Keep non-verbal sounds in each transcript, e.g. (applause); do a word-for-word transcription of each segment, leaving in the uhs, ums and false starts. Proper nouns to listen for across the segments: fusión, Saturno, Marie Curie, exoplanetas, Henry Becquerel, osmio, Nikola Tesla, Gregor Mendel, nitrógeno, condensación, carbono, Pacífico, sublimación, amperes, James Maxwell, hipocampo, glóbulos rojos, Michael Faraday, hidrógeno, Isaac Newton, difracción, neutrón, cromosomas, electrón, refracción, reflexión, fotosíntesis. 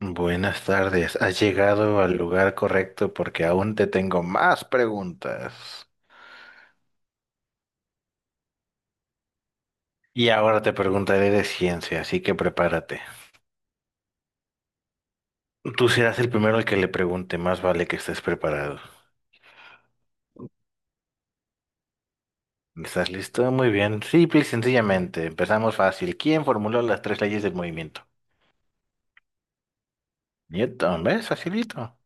Buenas tardes, has llegado al lugar correcto porque aún te tengo más preguntas. Y ahora te preguntaré de ciencia, así que prepárate. Tú serás el primero al que le pregunte, más vale que estés preparado. ¿Estás listo? Muy bien. Simple y sencillamente, empezamos fácil. ¿Quién formuló las tres leyes del movimiento? Newton, ¿ves? Facilito.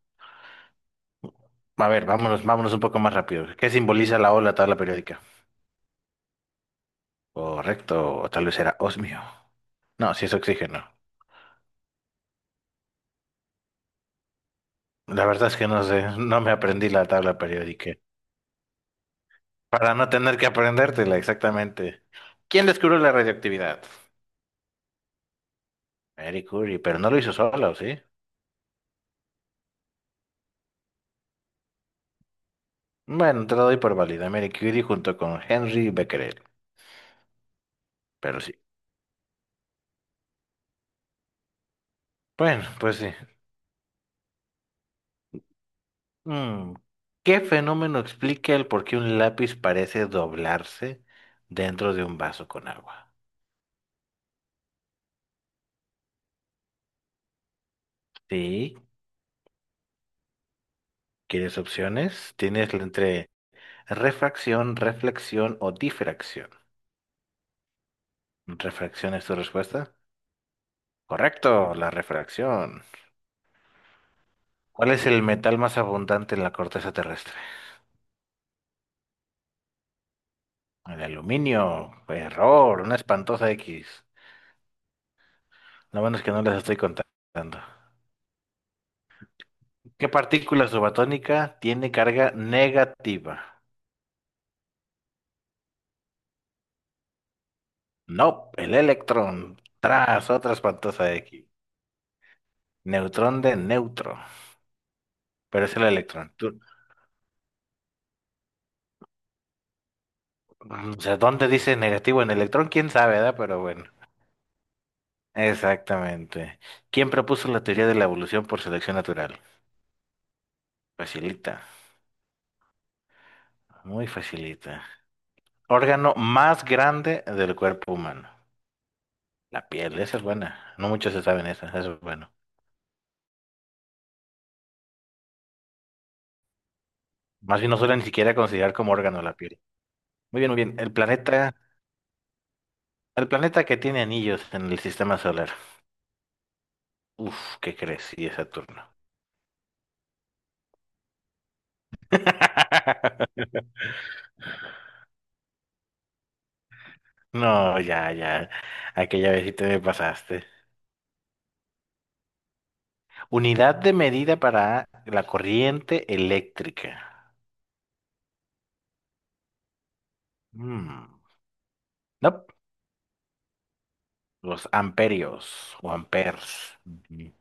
A ver, vámonos, vámonos un poco más rápido. ¿Qué simboliza la O en la tabla periódica? Correcto, o tal vez era osmio. No, si es oxígeno. La verdad es que no sé, no me aprendí la tabla periódica. Para no tener que aprendértela exactamente. ¿Quién descubrió la radioactividad? Marie Curie, pero no lo hizo solo, ¿sí? Bueno, te lo doy por válida. Marie Curie junto con Henry Becquerel, pero sí. Bueno, pues sí. Mm, ¿Qué fenómeno explica el por qué un lápiz parece doblarse dentro de un vaso con agua? Sí, ¿quieres opciones? Tienes entre refracción, reflexión o difracción. ¿Refracción es tu respuesta? Correcto, la refracción. ¿Cuál es el metal más abundante en la corteza terrestre? El aluminio. Error, una espantosa X. Lo bueno es que no les estoy contando. ¿Qué partícula subatónica tiene carga negativa? No, el electrón. Tras, otra espantosa X. Neutrón de neutro. Pero es el electrón. Tú- o sea, ¿dónde dice negativo en electrón? ¿Quién sabe, verdad? Pero bueno. Exactamente. ¿Quién propuso la teoría de la evolución por selección natural? Facilita. Muy facilita. Órgano más grande del cuerpo humano. La piel, esa es buena. No muchos se saben esa, eso es bueno. Más bien no suelen ni siquiera considerar como órgano la piel. Muy bien, muy bien. El planeta, el planeta que tiene anillos en el sistema solar. Uf, ¿qué crees? Sí, es Saturno. (laughs) No, ya, ya. Aquella vez sí te me pasaste. Unidad de medida para la corriente eléctrica. Mm. No, los amperios o amperes. Ujú.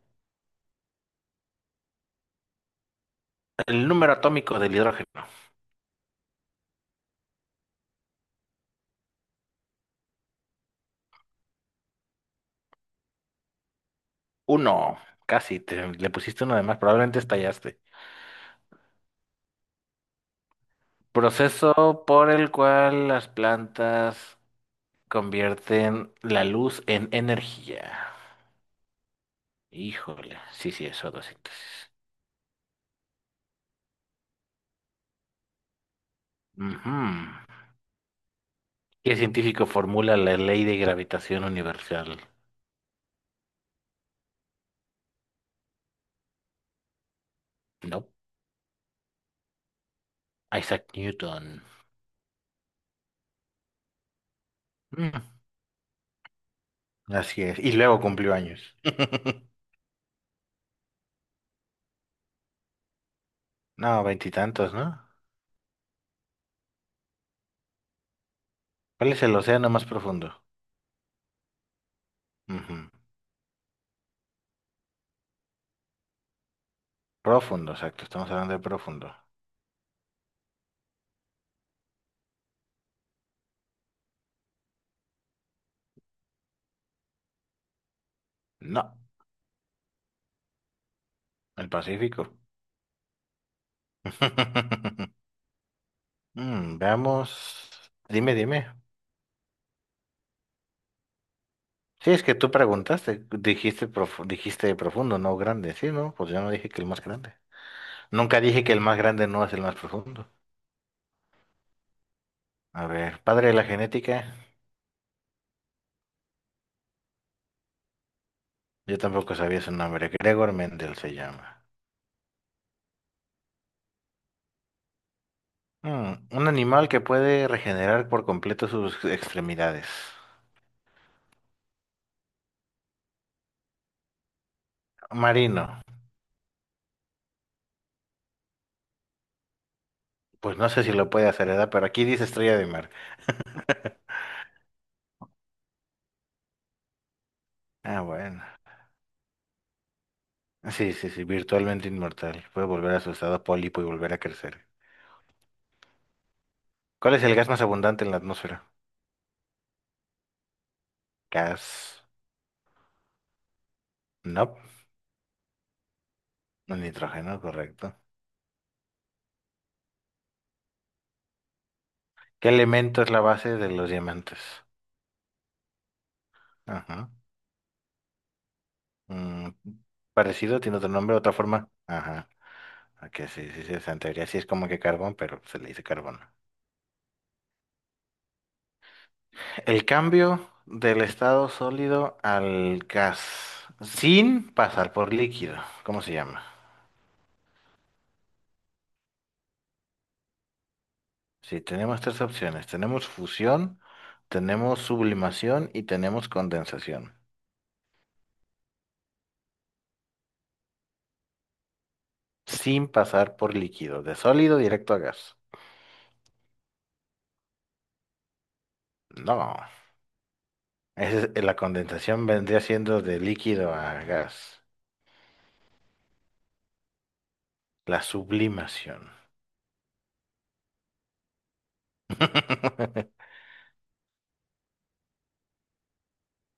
El número atómico del hidrógeno. Uno. Casi, te- le pusiste uno de más, probablemente estallaste. Proceso por el cual las plantas convierten la luz en energía. Híjole, sí, sí, es fotosíntesis. Ujú. ¿Qué científico formula la ley de gravitación universal? No, Isaac Newton. Mm, así es, y luego cumplió años. (laughs) No, veintitantos, ¿no? ¿Cuál es el océano más profundo? Ujú. Profundo, exacto. Estamos hablando de profundo. No, el Pacífico. (laughs) Mm, veamos. Dime, dime. Sí, es que tú preguntaste, dijiste, profu- dijiste profundo, no grande. Sí, no, pues yo no dije que el más grande. Nunca dije que el más grande no es el más profundo. A ver, padre de la genética. Yo tampoco sabía su nombre. Gregor Mendel se llama. Mm, un animal que puede regenerar por completo sus extremidades. Marino. Pues no sé si lo puede hacer, ¿verdad? Pero aquí dice estrella de mar. Ah, bueno. Sí, sí, sí, virtualmente inmortal. Puede volver a su estado pólipo y volver a crecer. ¿Cuál es el gas más abundante en la atmósfera? Gas. No. El nitrógeno, correcto. ¿Qué elemento es la base de los diamantes? Ajá. Mm, parecido, tiene otro nombre, otra forma. Ajá. Ok, sí, sí, sí, o sea, en teoría sí es como que carbón, pero se le dice carbono. El cambio del estado sólido al gas sin pasar por líquido. ¿Cómo se llama? Sí, tenemos tres opciones. Tenemos fusión, tenemos sublimación y tenemos condensación. Sin pasar por líquido, de sólido directo a gas. No. Ese es- la condensación vendría siendo de líquido a gas. La sublimación. (laughs)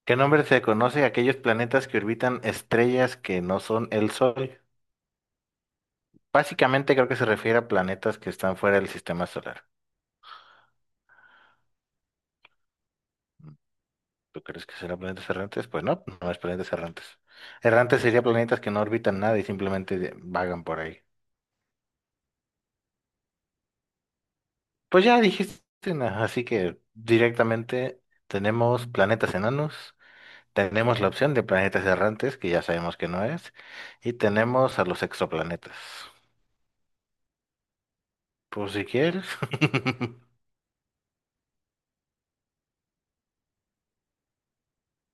¿Qué nombre se conoce a aquellos planetas que orbitan estrellas que no son el Sol? Básicamente creo que se refiere a planetas que están fuera del sistema solar. ¿Tú crees que serán planetas errantes? Pues no, no es planetas errantes. Errantes serían planetas que no orbitan nada y simplemente de- vagan por ahí. Pues ya dijiste, na- así que directamente tenemos planetas enanos, tenemos la opción de planetas errantes, que ya sabemos que no es, y tenemos a los exoplanetas. Pues si quieres. (laughs)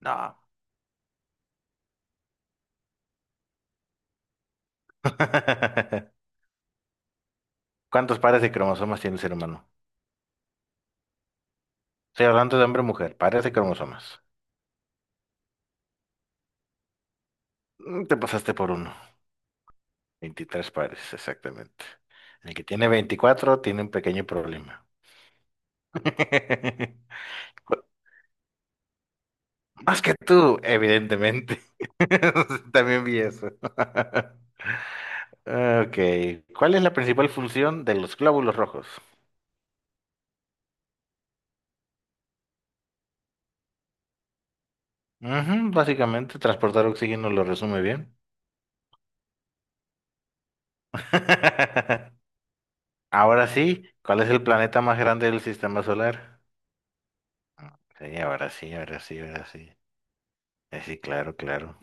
No. (laughs) ¿Cuántos pares de cromosomas tiene el ser humano? Estoy hablando de hombre o mujer, pares de cromosomas. Mm, Te pasaste por uno. Veintitrés pares, exactamente. El que tiene veinticuatro tiene un pequeño problema. (laughs) Más que tú, evidentemente. (laughs) También vi eso. (laughs) Ok. ¿Cuál es la principal función de los glóbulos rojos? Ujú, básicamente, transportar oxígeno lo resume bien. (laughs) Ahora sí, ¿cuál es el planeta más grande del sistema solar? Sí, ahora sí, ahora sí, ahora sí. Eh, Sí, claro, claro.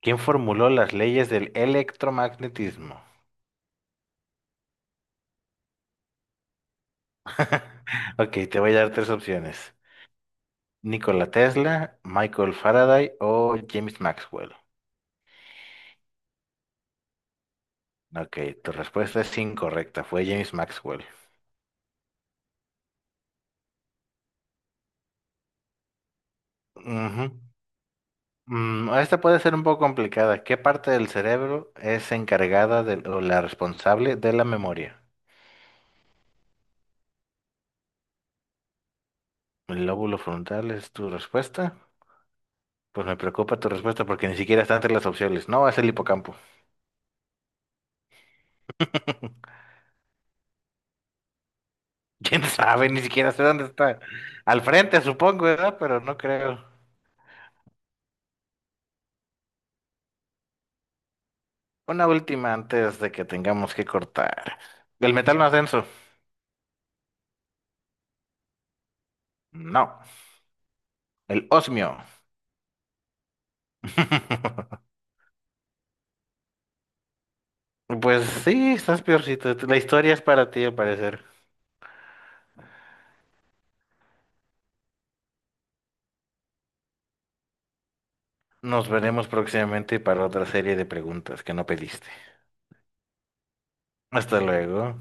¿Quién formuló las leyes del electromagnetismo? (laughs) Ok, te voy a dar tres opciones. Nikola Tesla, Michael Faraday o James Maxwell. Ok, tu respuesta es incorrecta, fue James Maxwell. Ujú. Mm, esta puede ser un poco complicada. ¿Qué parte del cerebro es encargada de, o la responsable de la memoria? ¿El lóbulo frontal es tu respuesta? Pues me preocupa tu respuesta porque ni siquiera están entre las opciones. No, es el hipocampo. (laughs) (laughs) Quién sabe, ni siquiera sé dónde está. Al frente, supongo, ¿verdad? Pero no creo. Una última antes de que tengamos que cortar. ¿El metal más denso? No. El osmio. (laughs) Pues sí, estás peorcito. La historia es para ti, al parecer. Nos veremos próximamente para otra serie de preguntas que no pediste. Hasta luego.